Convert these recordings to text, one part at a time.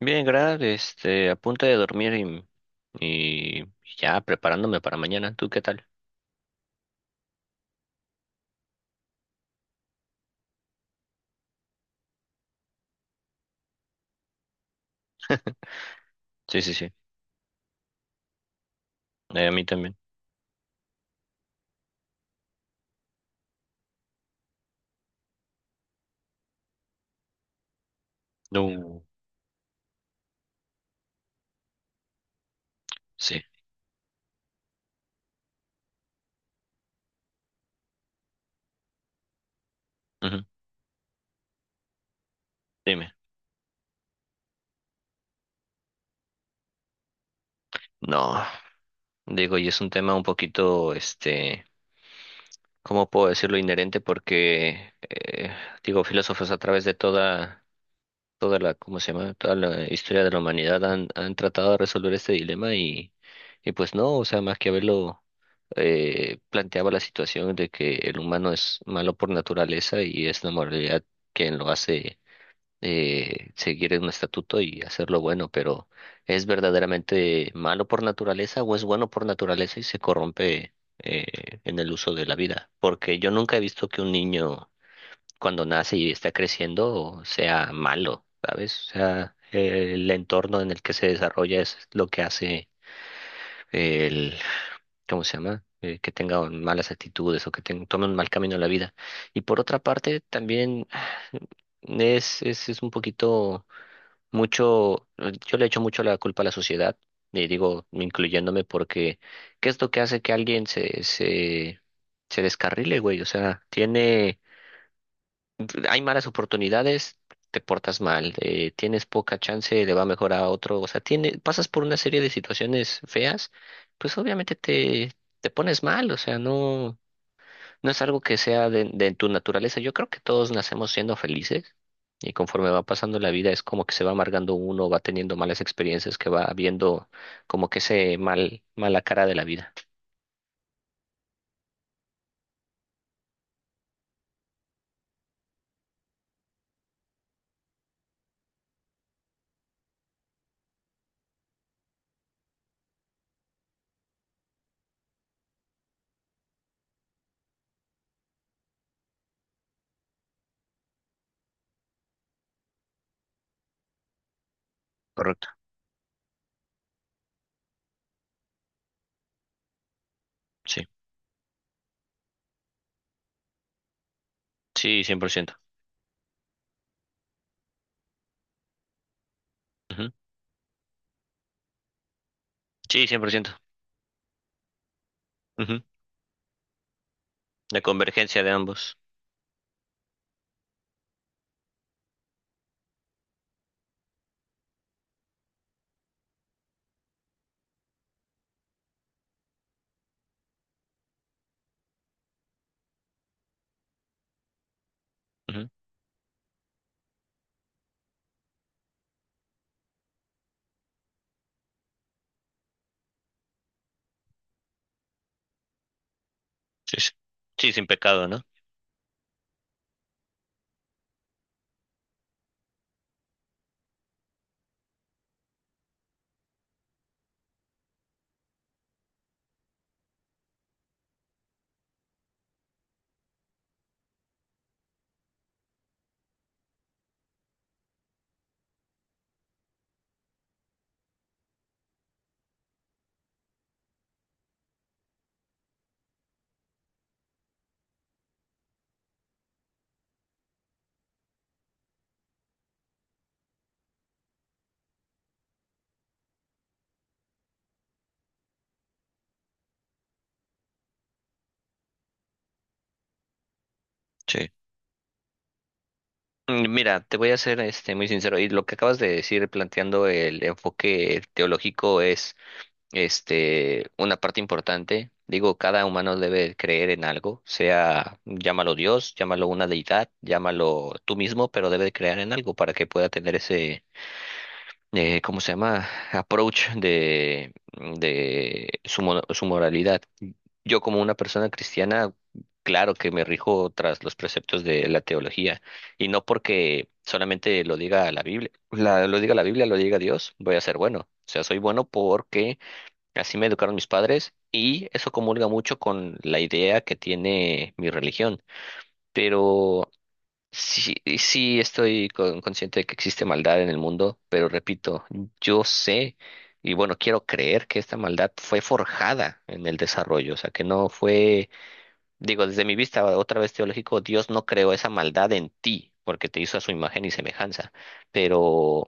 Bien, Grab, a punto de dormir y ya preparándome para mañana. ¿Tú qué tal? Sí, sí, sí. A mí también. No. Sí. Ujú. Dime. No, digo, y es un tema un poquito, ¿cómo puedo decirlo? Inherente porque, digo, filósofos a través de toda ¿cómo se llama? Toda la historia de la humanidad han tratado de resolver este dilema y pues no, o sea, Maquiavelo planteaba la situación de que el humano es malo por naturaleza y es la moralidad quien lo hace seguir un estatuto y hacerlo bueno, pero ¿es verdaderamente malo por naturaleza o es bueno por naturaleza y se corrompe en el uso de la vida? Porque yo nunca he visto que un niño cuando nace y está creciendo sea malo, ¿sabes? O sea, el entorno en el que se desarrolla es lo que hace el, ¿cómo se llama? Que tenga malas actitudes o que tome un mal camino en la vida. Y por otra parte, también es un poquito mucho, yo le echo mucho la culpa a la sociedad, y digo, incluyéndome, porque ¿qué es lo que hace que alguien se descarrile, güey? O sea, tiene hay malas oportunidades, te portas mal, tienes poca chance, le va mejor a otro, o sea, tiene, pasas por una serie de situaciones feas, pues obviamente te pones mal, o sea, no es algo que sea de tu naturaleza. Yo creo que todos nacemos siendo felices y conforme va pasando la vida es como que se va amargando uno, va teniendo malas experiencias, que va viendo como que ese mal, mala cara de la vida. Correcto. Sí, sí, 100%. Ujú. Sí, 100%. Ujú. La convergencia de ambos. Ujú. Sí, sí. Sí, sin pecado, ¿no? Sí. Mm, mira, te voy a ser muy sincero, y lo que acabas de decir planteando el enfoque teológico es una parte importante. Digo, cada humano debe creer en algo, sea llámalo Dios, llámalo una deidad, llámalo tú mismo, pero debe creer en algo para que pueda tener ese ¿cómo se llama? Approach de su, su moralidad. Yo como una persona cristiana, claro que me rijo tras los preceptos de la teología y no porque solamente lo diga la Biblia, lo diga la Biblia, lo diga Dios, voy a ser bueno. O sea, soy bueno porque así me educaron mis padres y eso comulga mucho con la idea que tiene mi religión. Pero sí, y sí estoy consciente de que existe maldad en el mundo, pero repito, yo sé y bueno, quiero creer que esta maldad fue forjada en el desarrollo, o sea, que no fue, digo, desde mi vista otra vez teológico, Dios no creó esa maldad en ti porque te hizo a su imagen y semejanza, pero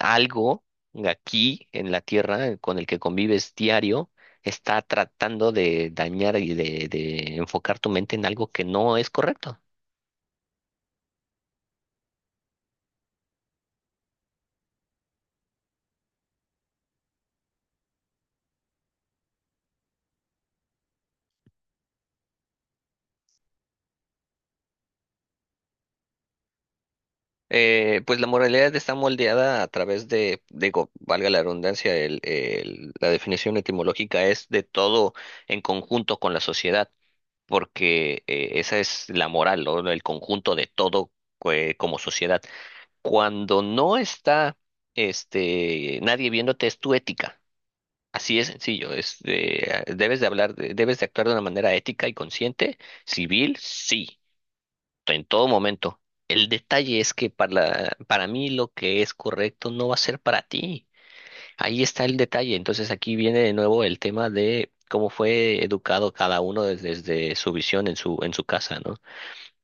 algo aquí en la tierra con el que convives diario está tratando de dañar y de enfocar tu mente en algo que no es correcto. Pues la moralidad está moldeada a través de, digo, valga la redundancia, la definición etimológica es de todo en conjunto con la sociedad, porque esa es la moral, ¿no? El conjunto de todo como sociedad. Cuando no está nadie viéndote, es tu ética. Así es sencillo, es, debes de hablar, debes de actuar de una manera ética y consciente, civil, sí en todo momento. El detalle es que para mí lo que es correcto no va a ser para ti. Ahí está el detalle. Entonces aquí viene de nuevo el tema de cómo fue educado cada uno desde, su visión en su casa, ¿no?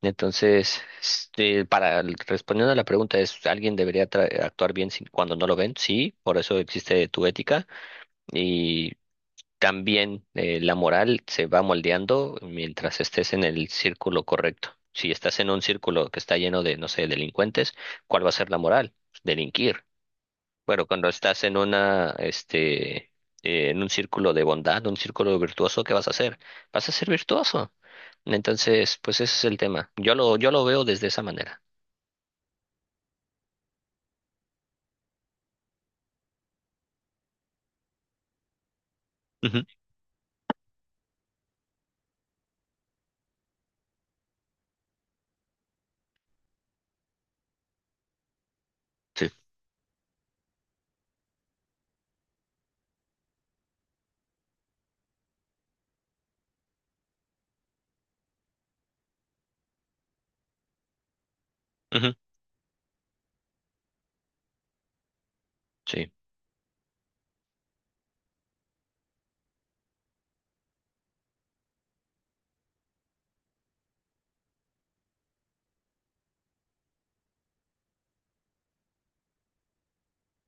Entonces, para respondiendo a la pregunta es, ¿alguien debería actuar bien cuando no lo ven? Sí, por eso existe tu ética también la moral se va moldeando mientras estés en el círculo correcto. Si estás en un círculo que está lleno de, no sé, delincuentes, ¿cuál va a ser la moral? Delinquir. Bueno, cuando estás en una, en un círculo de bondad, un círculo virtuoso, ¿qué vas a hacer? Vas a ser virtuoso. Entonces, pues ese es el tema. Yo lo veo desde esa manera. Ujú. Sí. Ujú. Sí.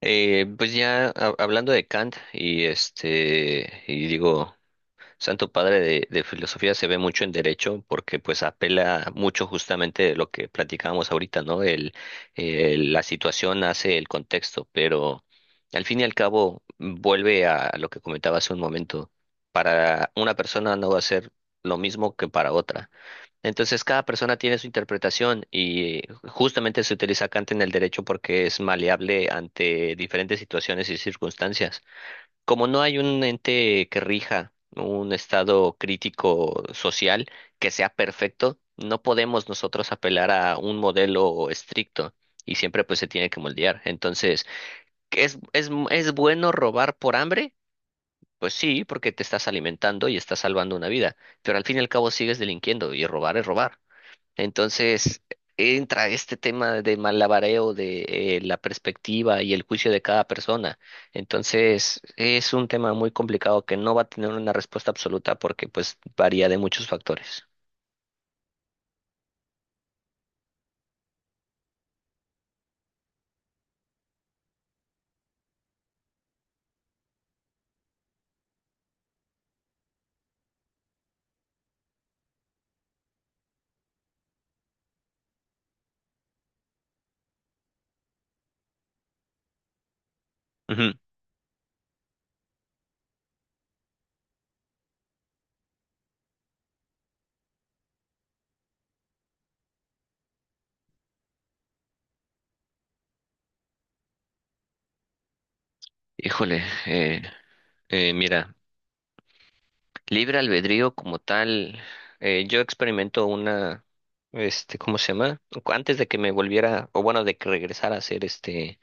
Pues ya hablando de Kant y y digo Santo Padre de filosofía se ve mucho en derecho porque pues apela mucho justamente de lo que platicábamos ahorita, ¿no? El, la situación hace el contexto, pero al fin y al cabo vuelve a lo que comentaba hace un momento. Para una persona no va a ser lo mismo que para otra. Entonces cada persona tiene su interpretación y justamente se utiliza Kant en el derecho porque es maleable ante diferentes situaciones y circunstancias. Como no hay un ente que rija un estado crítico social que sea perfecto, no podemos nosotros apelar a un modelo estricto y siempre pues se tiene que moldear. Entonces, ¿qué ¿es, es bueno robar por hambre? Pues sí, porque te estás alimentando y estás salvando una vida, pero al fin y al cabo sigues delinquiendo y robar es robar. Entonces entra este tema de malabareo de la perspectiva y el juicio de cada persona. Entonces es un tema muy complicado que no va a tener una respuesta absoluta porque pues varía de muchos factores. Ujú. Híjole, mira, libre albedrío como tal, yo experimento una, ¿cómo se llama? Antes de que me volviera, o bueno, de que regresara a ser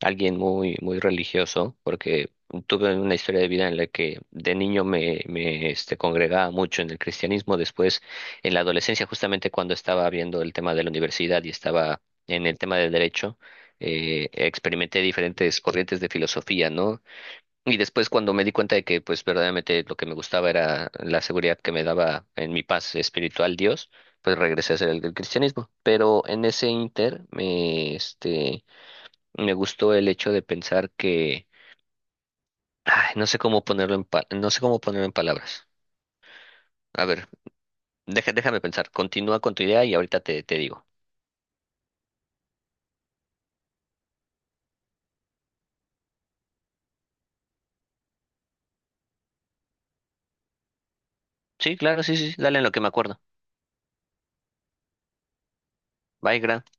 alguien muy, muy religioso, porque tuve una historia de vida en la que de niño congregaba mucho en el cristianismo. Después, en la adolescencia, justamente cuando estaba viendo el tema de la universidad y estaba en el tema del derecho, experimenté diferentes corrientes de filosofía, ¿no? Y después cuando me di cuenta de que, pues, verdaderamente lo que me gustaba era la seguridad que me daba en mi paz espiritual Dios, pues regresé a ser el del cristianismo. Pero en ese inter me gustó el hecho de pensar que, ay, no sé cómo ponerlo en no sé cómo ponerlo en palabras. A ver, déjame pensar. Continúa con tu idea y ahorita te digo. Sí, claro, sí, sí, sí, dale en lo que me acuerdo. Bye, gracias.